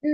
嗯，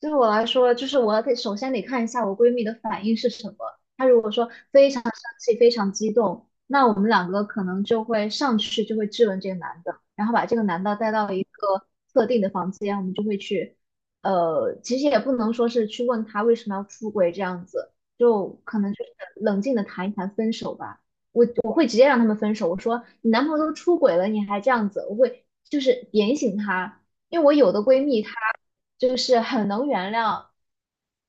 对我来说，就是我得首先得看一下我闺蜜的反应是什么。她如果说非常生气、非常激动，那我们两个可能就会上去就会质问这个男的，然后把这个男的带到一个特定的房间，我们就会去，其实也不能说是去问他为什么要出轨这样子，就可能就是冷静的谈一谈分手吧。我会直接让他们分手。我说你男朋友都出轨了，你还这样子，我会就是点醒他，因为我有的闺蜜她就是很能原谅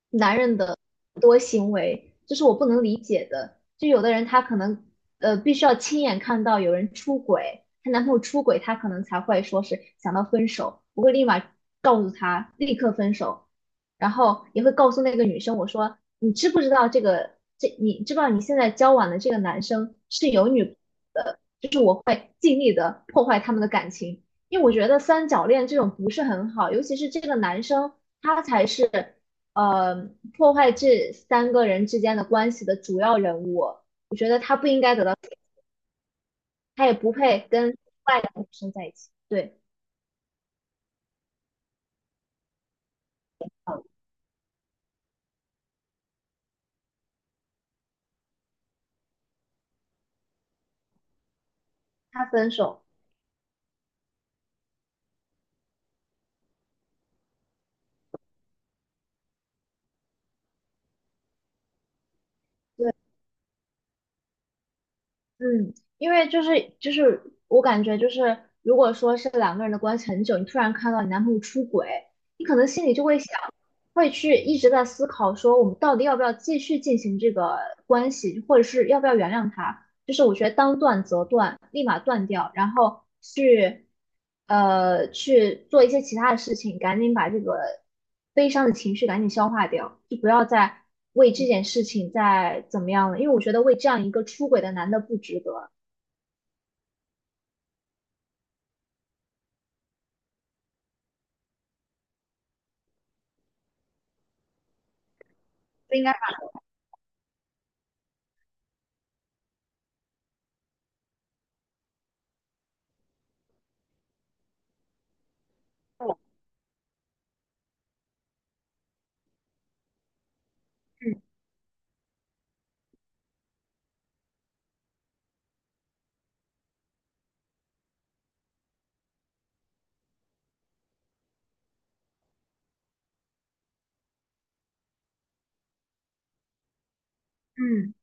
男人的很多行为，这是我不能理解的。就有的人她可能必须要亲眼看到有人出轨，她男朋友出轨，她可能才会说是想到分手。我会立马告诉她立刻分手，然后也会告诉那个女生我说你知不知道这个？这你知不知道你现在交往的这个男生是有女朋友的？就是我会尽力的破坏他们的感情，因为我觉得三角恋这种不是很好，尤其是这个男生他才是呃破坏这三个人之间的关系的主要人物，我觉得他不应该得到，他也不配跟外两个女生在一起。对他分手。嗯，因为就是我感觉就是，如果说是两个人的关系很久，你突然看到你男朋友出轨，你可能心里就会想，会去一直在思考说我们到底要不要继续进行这个关系，或者是要不要原谅他。就是我觉得当断则断，立马断掉，然后去去做一些其他的事情，赶紧把这个悲伤的情绪赶紧消化掉，就不要再为这件事情再怎么样了，因为我觉得为这样一个出轨的男的不值得，不应该把我，嗯嗯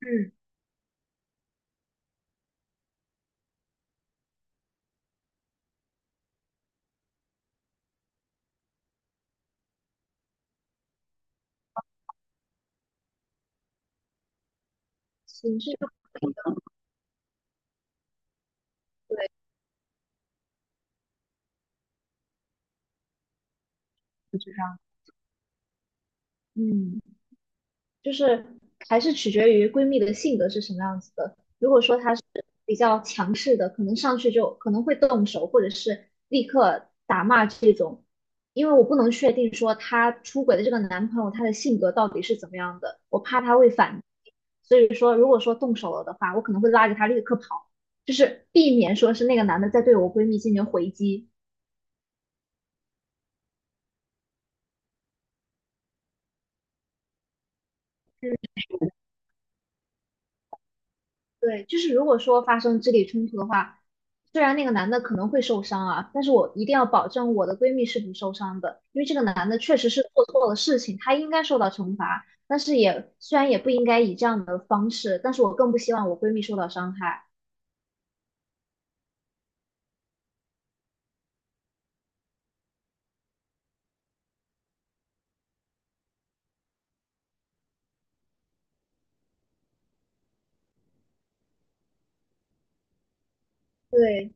嗯，情绪就不值得。嗯。就是还是取决于闺蜜的性格是什么样子的。如果说她是比较强势的，可能上去就可能会动手，或者是立刻打骂这种。因为我不能确定说她出轨的这个男朋友他的性格到底是怎么样的，我怕他会反。所以说，如果说动手了的话，我可能会拉着他立刻跑，就是避免说是那个男的在对我闺蜜进行回击。对，就是如果说发生肢体冲突的话，虽然那个男的可能会受伤啊，但是我一定要保证我的闺蜜是不受伤的，因为这个男的确实是做错了事情，他应该受到惩罚，但是也虽然也不应该以这样的方式，但是我更不希望我闺蜜受到伤害。对，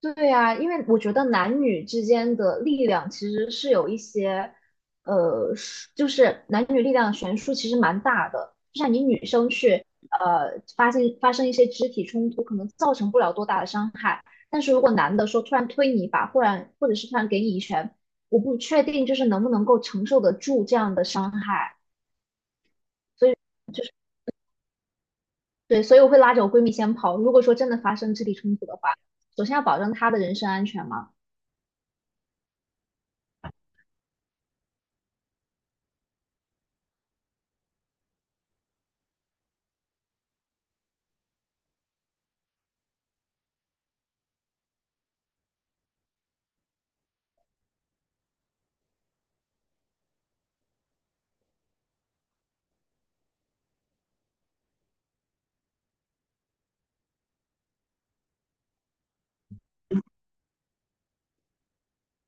对呀，因为我觉得男女之间的力量其实是有一些，是就是男女力量悬殊其实蛮大的。就像你女生去，发现发生一些肢体冲突，可能造成不了多大的伤害。但是如果男的说突然推你一把，忽然或者是突然给你一拳，我不确定就是能不能够承受得住这样的伤害。所以就是对，所以我会拉着我闺蜜先跑。如果说真的发生肢体冲突的话，首先要保证她的人身安全嘛。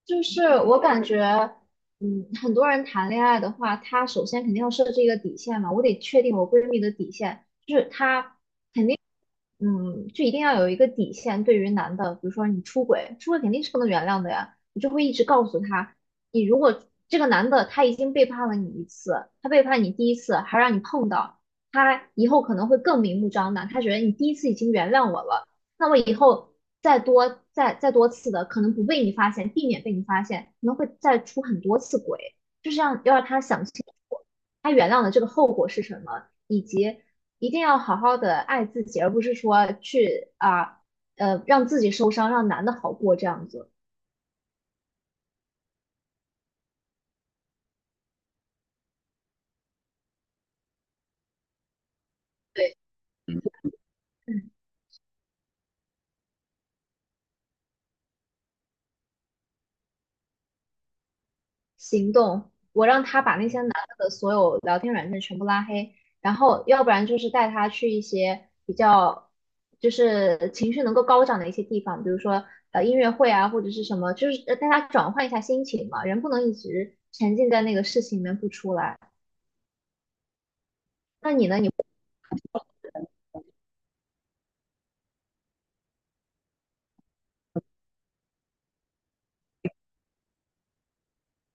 就是我感觉，嗯，很多人谈恋爱的话，他首先肯定要设置一个底线嘛。我得确定我闺蜜的底线，就是她嗯，就一定要有一个底线。对于男的，比如说你出轨，出轨肯定是不能原谅的呀，你就会一直告诉他，你如果这个男的他已经背叛了你一次，他背叛你第一次，还让你碰到，他以后可能会更明目张胆，他觉得你第一次已经原谅我了，那我以后再多次的，可能不被你发现，避免被你发现，可能会再出很多次轨，就是让要让他想清楚，他原谅的这个后果是什么，以及一定要好好的爱自己，而不是说去啊让自己受伤，让男的好过这样子。对，嗯，行动，我让他把那些男的的所有聊天软件全部拉黑，然后要不然就是带他去一些比较就是情绪能够高涨的一些地方，比如说音乐会啊或者是什么，就是带他转换一下心情嘛，人不能一直沉浸在那个事情里面不出来。那你呢？你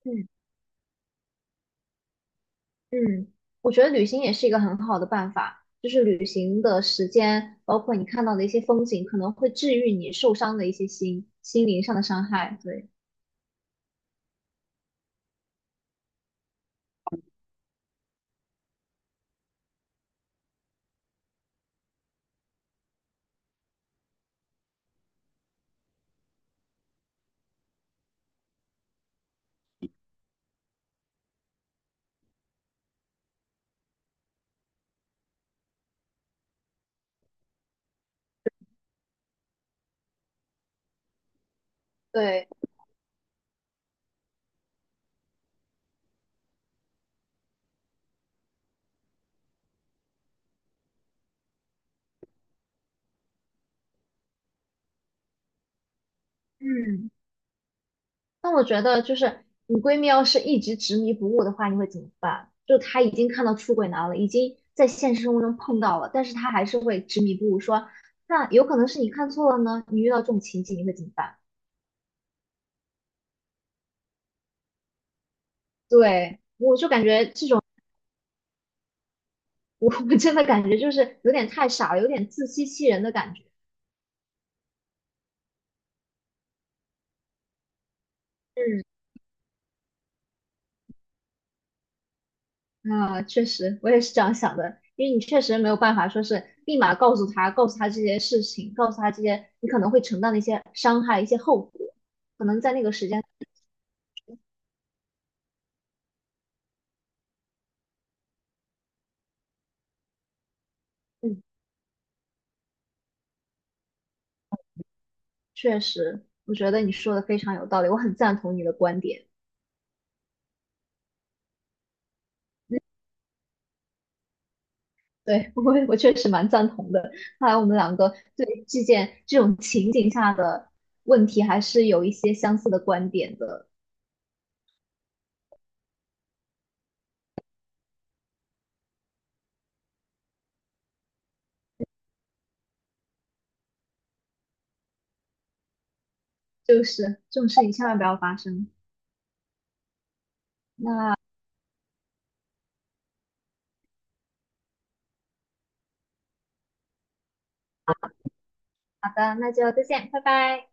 嗯。嗯，我觉得旅行也是一个很好的办法，就是旅行的时间，包括你看到的一些风景，可能会治愈你受伤的一些心灵上的伤害。对，对，嗯，那我觉得就是你闺蜜要是一直执迷不悟的话，你会怎么办？就她已经看到出轨男了，已经在现实生活中碰到了，但是她还是会执迷不悟，说那有可能是你看错了呢。你遇到这种情景，你会怎么办？对，我就感觉这种。我真的感觉就是有点太傻了，有点自欺欺人的感觉。嗯，啊，确实，我也是这样想的，因为你确实没有办法说是立马告诉他，告诉他这些事情，告诉他这些你可能会承担的一些伤害、一些后果，可能在那个时间，嗯，确实，我觉得你说的非常有道理，我很赞同你的观点，对，我确实蛮赞同的。看来我们两个对这件这种情景下的问题还是有一些相似的观点的。就是这种事情千万不要发生。好的，那就再见，拜拜。